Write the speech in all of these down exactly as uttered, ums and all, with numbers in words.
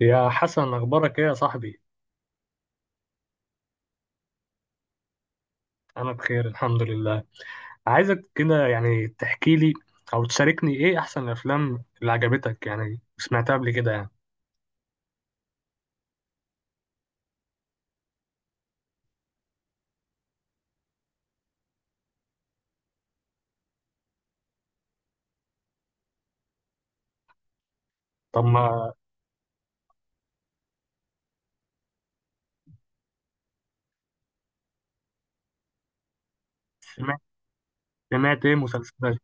يا حسن، أخبارك إيه يا صاحبي؟ أنا بخير الحمد لله. عايزك كده يعني تحكي لي أو تشاركني إيه أحسن الأفلام اللي عجبتك يعني سمعتها قبل كده يعني طب ما سمعت سمعت إيه مسلسلات.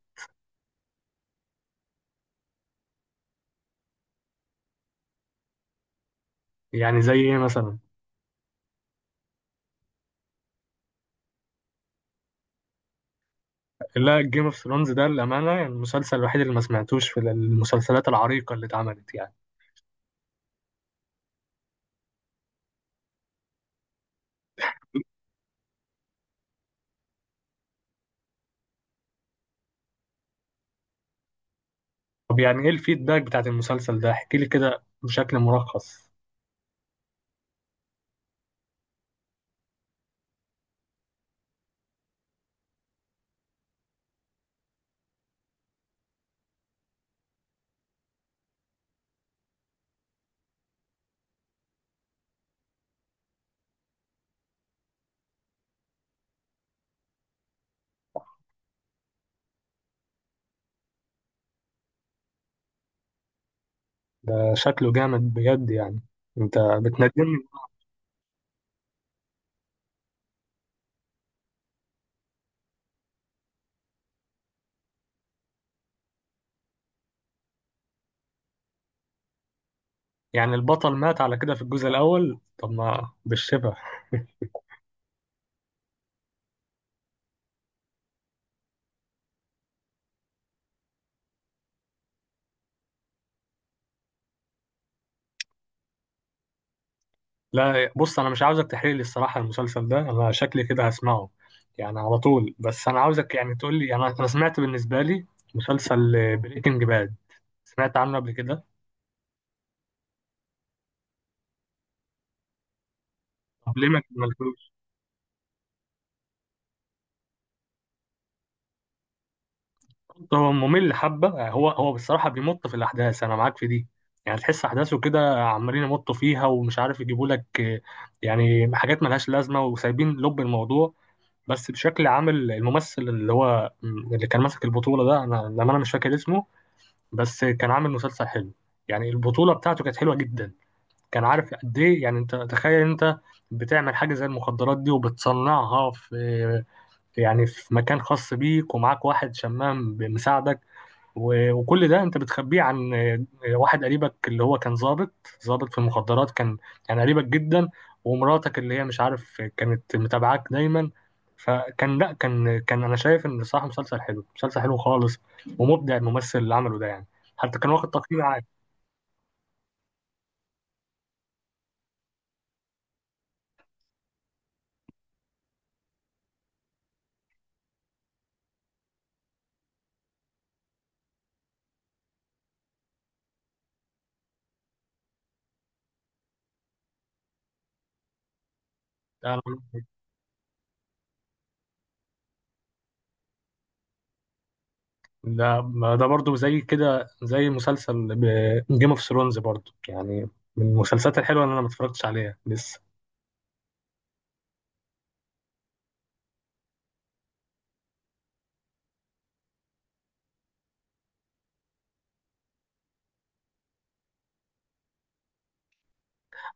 يعني زي إيه مثلا؟ لا، جيم اوف ثرونز ده للأمانة يعني المسلسل الوحيد اللي ما سمعتوش في المسلسلات العريقة اللي اتعملت يعني. طب يعني إيه الفيدباك بتاعت المسلسل ده؟ احكي لي كده بشكل ملخص. ده شكله جامد بجد يعني، أنت بتندمني. يعني البطل مات على كده في الجزء الأول، طب ما بالشبه. لا بص، أنا مش عاوزك تحرق لي الصراحة المسلسل ده، أنا شكلي كده هسمعه يعني على طول. بس أنا عاوزك يعني تقول لي. أنا أنا سمعت بالنسبة لي مسلسل بريكنج باد، سمعت عنه قبل كده. طب ليه ما كملتوش؟ هو ممل حبة. هو هو بصراحة بيمط في الأحداث، أنا معاك في دي. يعني تحس أحداثه كده عمالين يمطوا فيها ومش عارف يجيبوا لك يعني حاجات ملهاش لازمة وسايبين لب الموضوع. بس بشكل عام الممثل اللي هو اللي كان ماسك البطولة ده، أنا لما أنا مش فاكر اسمه، بس كان عامل مسلسل حلو. يعني البطولة بتاعته كانت حلوة جدا. كان عارف قد إيه. يعني أنت تخيل أنت بتعمل حاجة زي المخدرات دي وبتصنعها في، يعني في مكان خاص بيك ومعاك واحد شمام بمساعدك، و- وكل ده انت بتخبيه عن آه، واحد قريبك اللي هو كان ظابط، ظابط في المخدرات كان، يعني قريبك جدا. ومراتك اللي هي مش عارف، آه، كانت متابعاك دايما. فكان لا كان كان انا شايف ان صراحة مسلسل حلو، مسلسل حلو خالص، ومبدع الممثل اللي عمله ده يعني. حتى كان واخد تقييم عالي. ده ده ده برضه زي كده، زي مسلسل جيم اوف ثرونز برضه يعني، من المسلسلات الحلوة اللي انا ما اتفرجتش عليها لسه.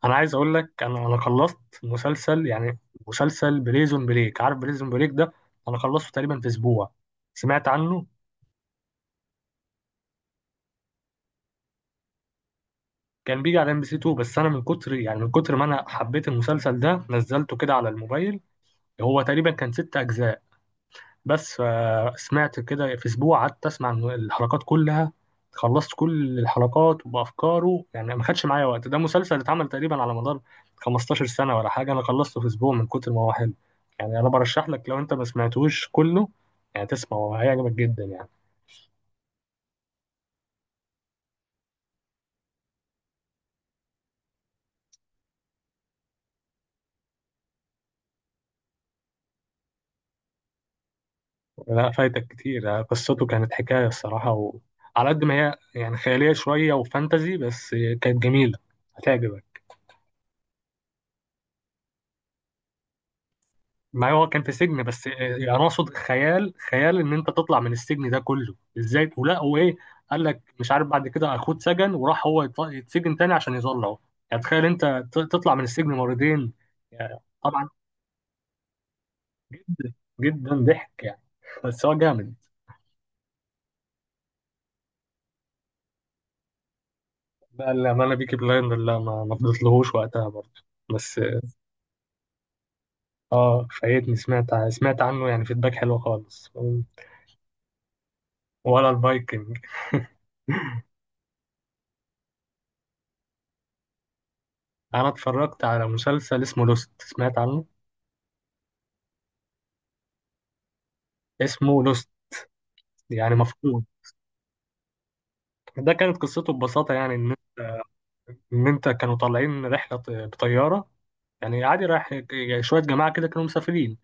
انا عايز اقول لك، انا انا خلصت مسلسل، يعني مسلسل بريزون بريك. عارف بريزون بريك ده؟ انا خلصته تقريبا في اسبوع. سمعت عنه؟ كان بيجي على ام بي سي اتنين. بس انا من كتر، يعني من كتر ما انا حبيت المسلسل ده، نزلته كده على الموبايل. هو تقريبا كان ست اجزاء بس. سمعت كده في اسبوع، قعدت اسمع من الحلقات كلها. خلصت كل الحلقات وبافكاره يعني، ما خدش معايا وقت. ده مسلسل اتعمل تقريبا على مدار خمستاشر سنة سنه ولا حاجه، انا خلصته في اسبوع من كتر ما هو حلو. يعني انا برشح لك، لو انت ما سمعتوش كله يعني تسمعه، هيعجبك جدا يعني. لا فايتك كتير. آه، قصته كانت حكايه الصراحه، وعلى قد ما هي يعني خياليه شويه وفانتزي، بس كانت جميله، هتعجبك. ما هو كان في سجن بس، آه، انا اقصد خيال. خيال ان انت تطلع من السجن ده كله ازاي، ولا هو ايه؟ قال لك مش عارف، بعد كده اخوه اتسجن وراح هو يط- يتسجن تاني عشان يطلعه. يعني تخيل انت ت- تطلع من السجن مرتين. يعني طبعا جدا ضحك يعني، بس هو جامد. بقى الامانه، بيكي بلايندر لا، ما ما فضلتلهوش وقتها برضه بس. اه فايتني. سمعت ع- سمعت عنه يعني فيدباك حلو خالص. ولا الفايكنج. انا اتفرجت على مسلسل اسمه لوست، سمعت عنه؟ اسمه لوست، يعني مفقود. ده كانت قصته ببساطة يعني إن إن أنت كانوا طالعين رحلة، ط- بطيارة يعني عادي، رايح ج- شوية جماعة كده كانوا مسافرين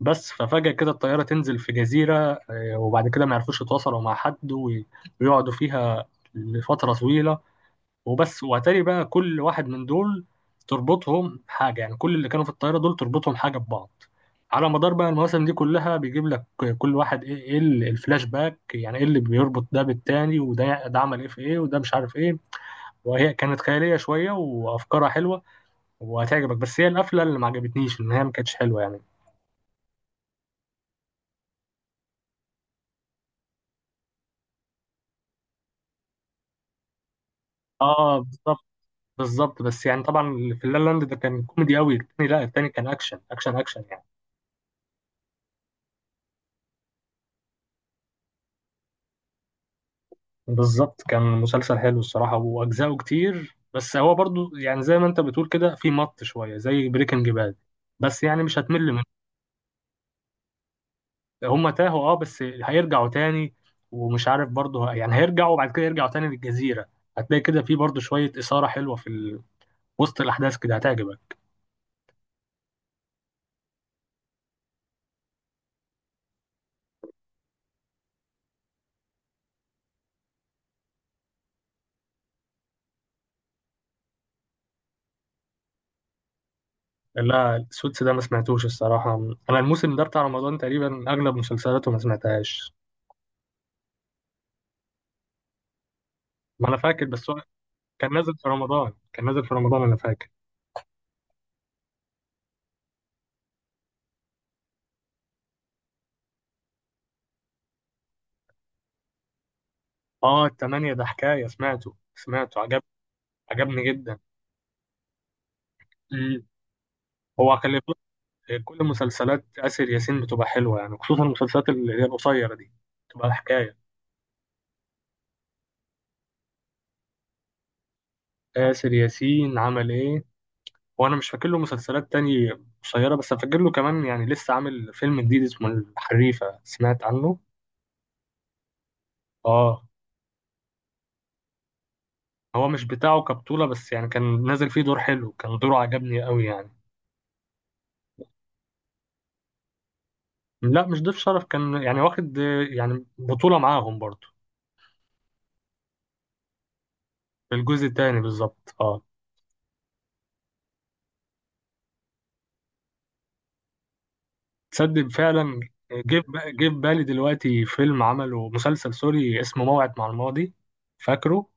بس. ففجأة كده الطيارة تنزل في جزيرة. آه، وبعد كده ما يعرفوش يتواصلوا مع حد، وي- ويقعدوا فيها لفترة طويلة. وبس واتاري بقى كل واحد من دول تربطهم حاجه. يعني كل اللي كانوا في الطياره دول تربطهم حاجه ببعض. على مدار بقى المواسم دي كلها بيجيب لك كل واحد، ايه ايه ال- الفلاش باك، يعني ايه اللي بيربط ده بالتاني، وده ده عمل ايه في ايه، وده مش عارف ايه. وهي كانت خياليه شويه وافكارها حلوه وهتعجبك. بس هي القفله اللي ما عجبتنيش، ان هي ما كانتش حلوه يعني. اه بالظبط. بالظبط، بس يعني طبعا اللي في لا لاند ده كان كوميدي قوي. التاني لا، التاني كان اكشن اكشن اكشن يعني. بالظبط، كان مسلسل حلو الصراحة وأجزاؤه كتير. بس هو برضو يعني زي ما أنت بتقول كده، في مط شوية زي بريكنج باد، بس يعني مش هتمل منه. هما تاهوا أه بس هيرجعوا تاني، ومش عارف برضو ه- يعني هيرجعوا، وبعد كده يرجعوا تاني للجزيرة. هتلاقي كده في برضو شوية إثارة حلوة في ال- وسط الأحداث كده، هتعجبك. لا السوتس ده ما سمعتوش الصراحة. أنا الموسم ده بتاع رمضان تقريبا أغلب مسلسلاته ما سمعتهاش. ما أنا فاكر، بس هو كان نازل في رمضان، كان نازل في رمضان أنا فاكر. اه التمانية ده حكاية. سمعته سمعته. عجب عجبني جدا. مم. هو خلي بالك، كل مسلسلات آسر ياسين بتبقى حلوة، يعني خصوصا المسلسلات اللي هي القصيرة دي بتبقى حكاية. آسر ياسين عمل ايه؟ وانا مش فاكر له مسلسلات تانية قصيرة، بس فاكر له كمان يعني لسه عامل فيلم جديد اسمه الحريفة، سمعت عنه؟ اه. هو مش بتاعه كبطولة، بس يعني كان نازل فيه دور حلو، كان دوره عجبني قوي يعني. لا مش ضيف شرف، كان يعني واخد آه، يعني بطولة معاهم برضه. في الجزء التاني بالظبط، اه. تصدق فعلا. جه في- جه في بالي دلوقتي فيلم، عمله مسلسل سوري اسمه موعد مع الماضي. فاكره؟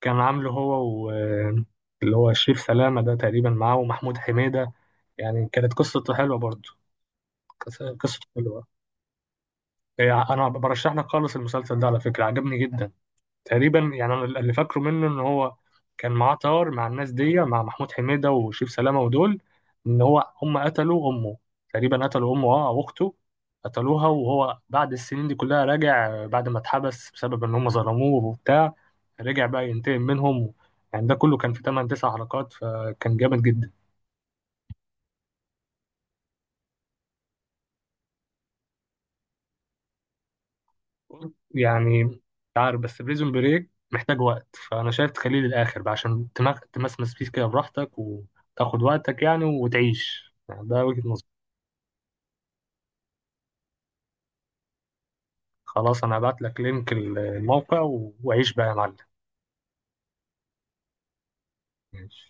كان عامله هو و اللي هو شريف سلامة، ده تقريبا معاه ومحمود حميدة. يعني كانت قصته حلوة برضه. قص- قصته حلوة يعني. أنا برشح لك خالص المسلسل ده على فكرة، عجبني جدا. تقريبا يعني انا اللي فاكره منه، ان هو كان معاه طار مع الناس دي، مع محمود حميدة وشيف سلامة ودول، ان هو هم قتلوا امه. تقريبا قتلوا امه، اه، او اخته. قتلوها. وهو بعد السنين دي كلها راجع، بعد ما اتحبس بسبب ان هم ظلموه وبتاع، رجع بقى ينتقم منهم. يعني ده كله كان في ثمانية تسعة حلقات، فكان جامد جدا. يعني مش عارف، بس بريزون بريك محتاج وقت، فانا شايف تخليه للاخر بقى عشان تمخ... تمسمس فيه كده براحتك، وتاخد وقتك يعني وتعيش، يعني ده وجهة نظري. خلاص انا هبعت لك لينك الموقع، و- وعيش بقى يا معلم. ماشي.